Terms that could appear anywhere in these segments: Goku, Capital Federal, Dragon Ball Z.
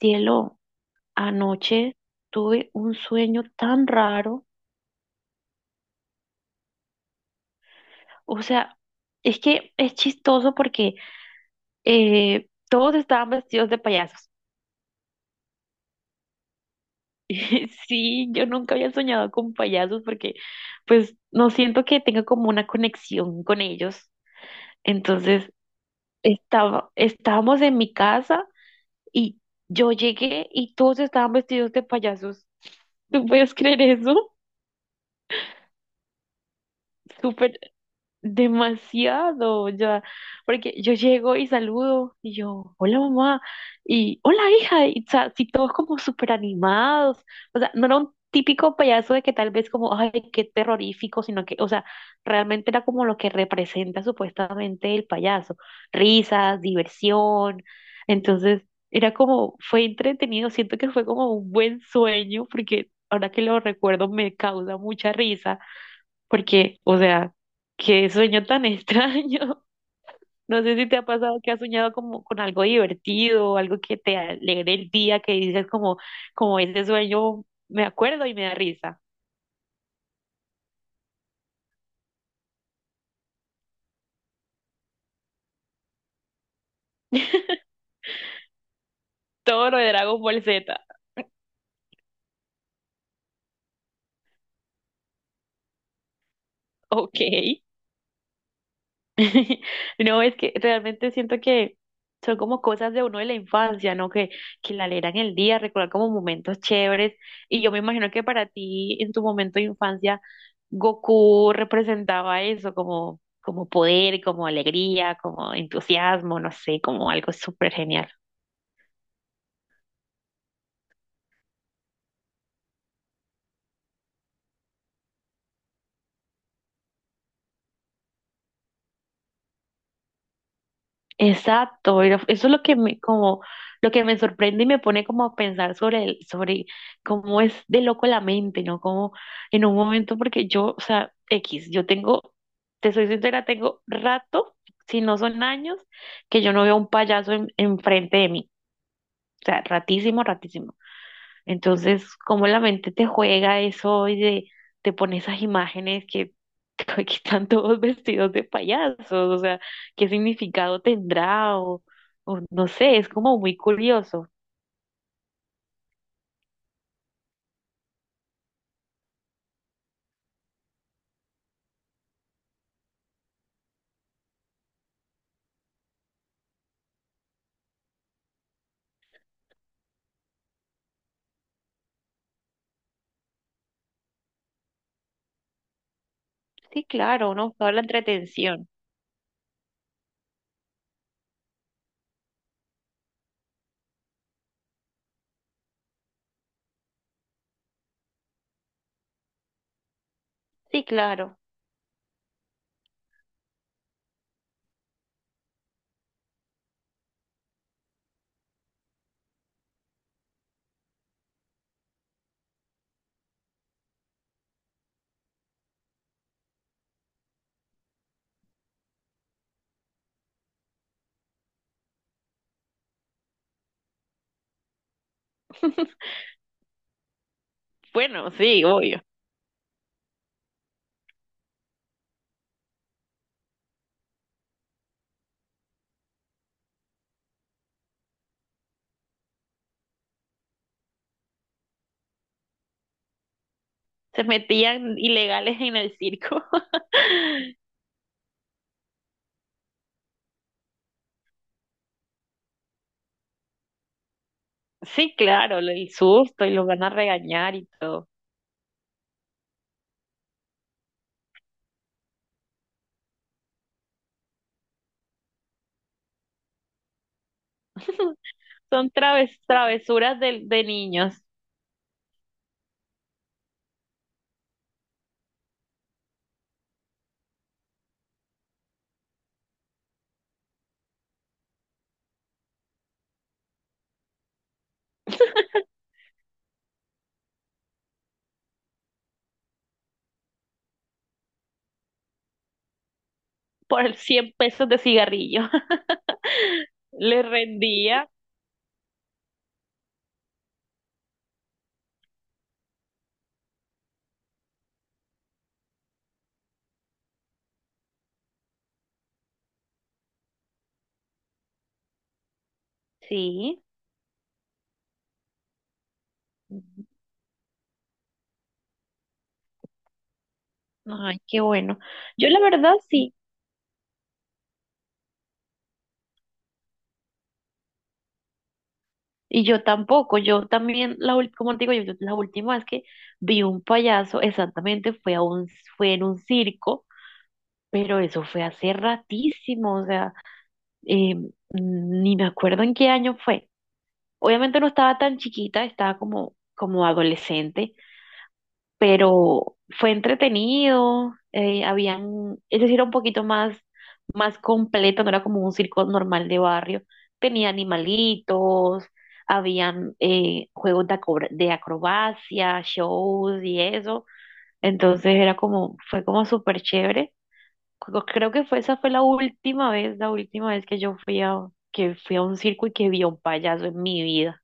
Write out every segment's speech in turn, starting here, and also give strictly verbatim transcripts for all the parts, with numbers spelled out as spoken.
Cielo, anoche tuve un sueño tan raro. O sea, es que es chistoso porque eh, todos estaban vestidos de payasos. Sí, yo nunca había soñado con payasos porque pues no siento que tenga como una conexión con ellos. Entonces, estaba, estábamos en mi casa y yo llegué y todos estaban vestidos de payasos. ¿Tú puedes creer eso? Súper demasiado, ya, porque yo llego y saludo y yo, hola mamá, y hola hija, y o sea, si todos como súper animados, o sea, no era un típico payaso de que tal vez como, ay, qué terrorífico, sino que, o sea, realmente era como lo que representa supuestamente el payaso, risas, diversión, entonces era como, fue entretenido, siento que fue como un buen sueño, porque ahora que lo recuerdo me causa mucha risa porque, o sea, qué sueño tan extraño. No sé si te ha pasado que has soñado como con algo divertido, o algo que te alegre el día, que dices como, como ese sueño, me acuerdo y me da risa. Todo lo de Dragon Ball Z. Ok. No, es que realmente siento que son como cosas de uno de la infancia, ¿no? Que, que la leer en el día, recordar como momentos chéveres. Y yo me imagino que para ti, en tu momento de infancia, Goku representaba eso, como, como poder, como alegría, como entusiasmo, no sé, como algo súper genial. Exacto, era- eso es lo que me, como, lo que me sorprende y me pone como a pensar sobre el, sobre cómo es de loco la mente, ¿no? Como en un momento, porque yo, o sea, X, yo tengo, te soy sincera, tengo rato, si no son años, que yo no veo un payaso en, enfrente de mí. O sea, ratísimo, ratísimo. Entonces, cómo la mente te juega eso y de- te pone esas imágenes que, que están todos vestidos de payasos, o sea, qué significado tendrá o, o no sé, es como muy curioso. Sí, claro, uno buscaba la entretención. Sí, claro. Bueno, sí, obvio. Se metían ilegales en el circo. Sí, claro, el susto y los van a regañar y todo. Son traves- travesuras de, de niños. Por el cien pesos de cigarrillo. Le rendía, sí. Ay, qué bueno. Yo la verdad sí, y yo tampoco, yo también, la, ul- como te digo, yo, la última vez que vi un payaso, exactamente, fue, a un, fue en un circo, pero eso fue hace ratísimo, o sea, eh, ni me acuerdo en qué año fue. Obviamente no estaba tan chiquita, estaba como, como adolescente, pero fue entretenido, eh, habían, es decir, era un poquito más, más completo, no era como un circo normal de barrio, tenía animalitos, habían eh, juegos de, acobra- de acrobacia, shows y eso, entonces era como, fue como súper chévere. Creo creo que fue, esa fue la última vez, la última vez que yo fui a, que fui a un circo y que vi a un payaso en mi vida.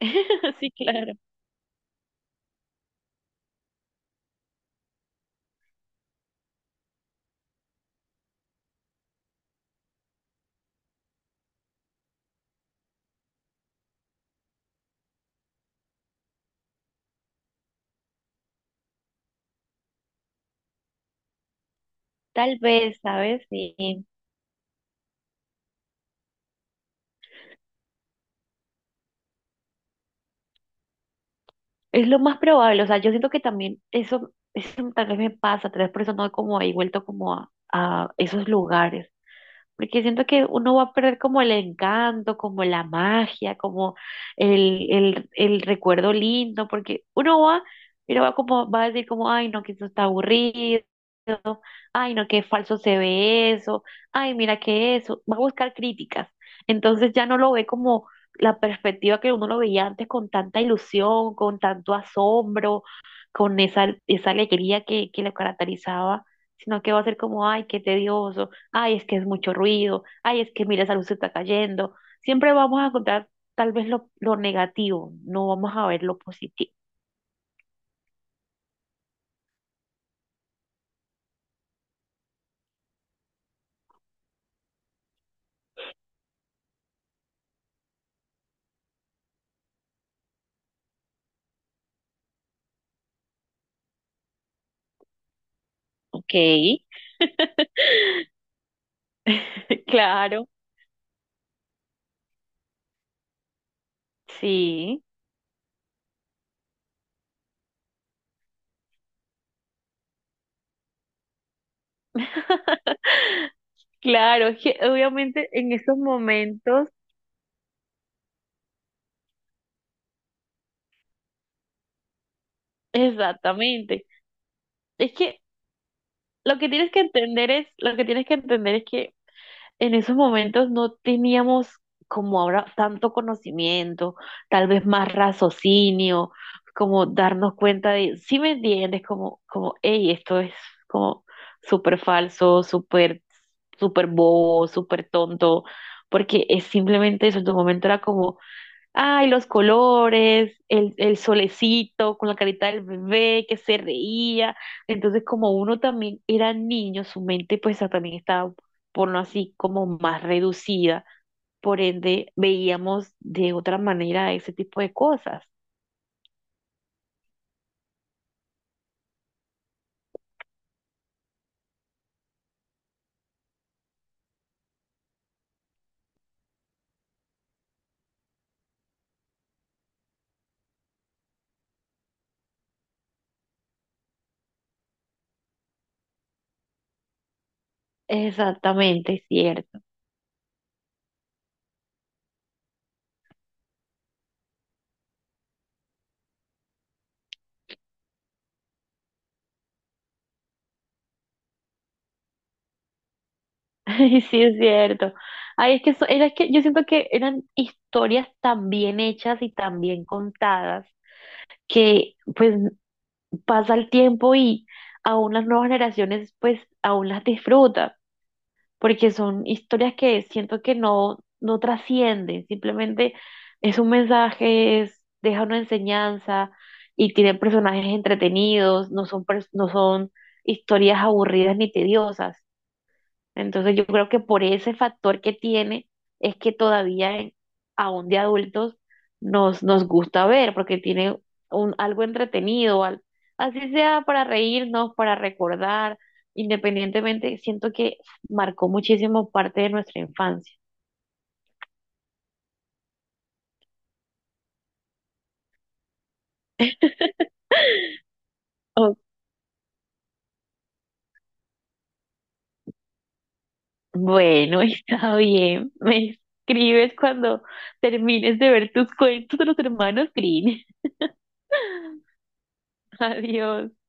Sí, claro. Tal vez, ¿sabes? Sí. Es lo más probable, o sea, yo siento que también eso, eso tal vez me pasa, tal vez por eso no he como ahí vuelto como a, a esos lugares, porque siento que uno va a perder como el encanto, como la magia, como el, el, el recuerdo lindo, porque uno va, pero va como, va a decir como, ay, no, que esto está aburrido, ay, no, qué falso se ve eso, ay, mira qué eso, va a buscar críticas. Entonces ya no lo ve como la perspectiva que uno lo veía antes con tanta ilusión, con tanto asombro, con esa, esa alegría que, que lo caracterizaba, sino que va a ser como, ay, qué tedioso, ay, es que es mucho ruido, ay, es que mira, esa luz se está cayendo. Siempre vamos a encontrar tal vez lo, lo negativo, no vamos a ver lo positivo. Ok, claro, sí. Claro, es que obviamente en esos momentos, exactamente. Es que lo que tienes que entender es, lo que tienes que entender es que en esos momentos no teníamos como ahora tanto conocimiento, tal vez más raciocinio, como darnos cuenta de, si me entiendes, como, como, hey, esto es como súper falso, súper, súper bobo, súper tonto, porque es simplemente eso, en tu momento era como ay, los colores, el, el solecito con la carita del bebé que se reía. Entonces, como uno también era niño, su mente pues también estaba, por no así, como más reducida. Por ende, veíamos de otra manera ese tipo de cosas. Exactamente, es cierto. Ay, sí, es cierto. Ay, es que, eso- era que yo siento que eran historias tan bien hechas y tan bien contadas que pues pasa el tiempo y aún las nuevas generaciones pues aún las disfrutan, porque son historias que siento que no, no trascienden, simplemente es un mensaje, es, deja una enseñanza y tienen personajes entretenidos, no son, pers- no son historias aburridas ni tediosas. Entonces yo creo que por ese factor que tiene es que todavía en- aún de adultos nos, nos gusta ver porque tiene un, algo entretenido, al- así sea para reírnos, para recordar, independientemente, siento que marcó muchísimo parte de nuestra infancia. Oh, bueno, está bien. Me escribes cuando termines de ver tus cuentos de los hermanos Green. Adiós.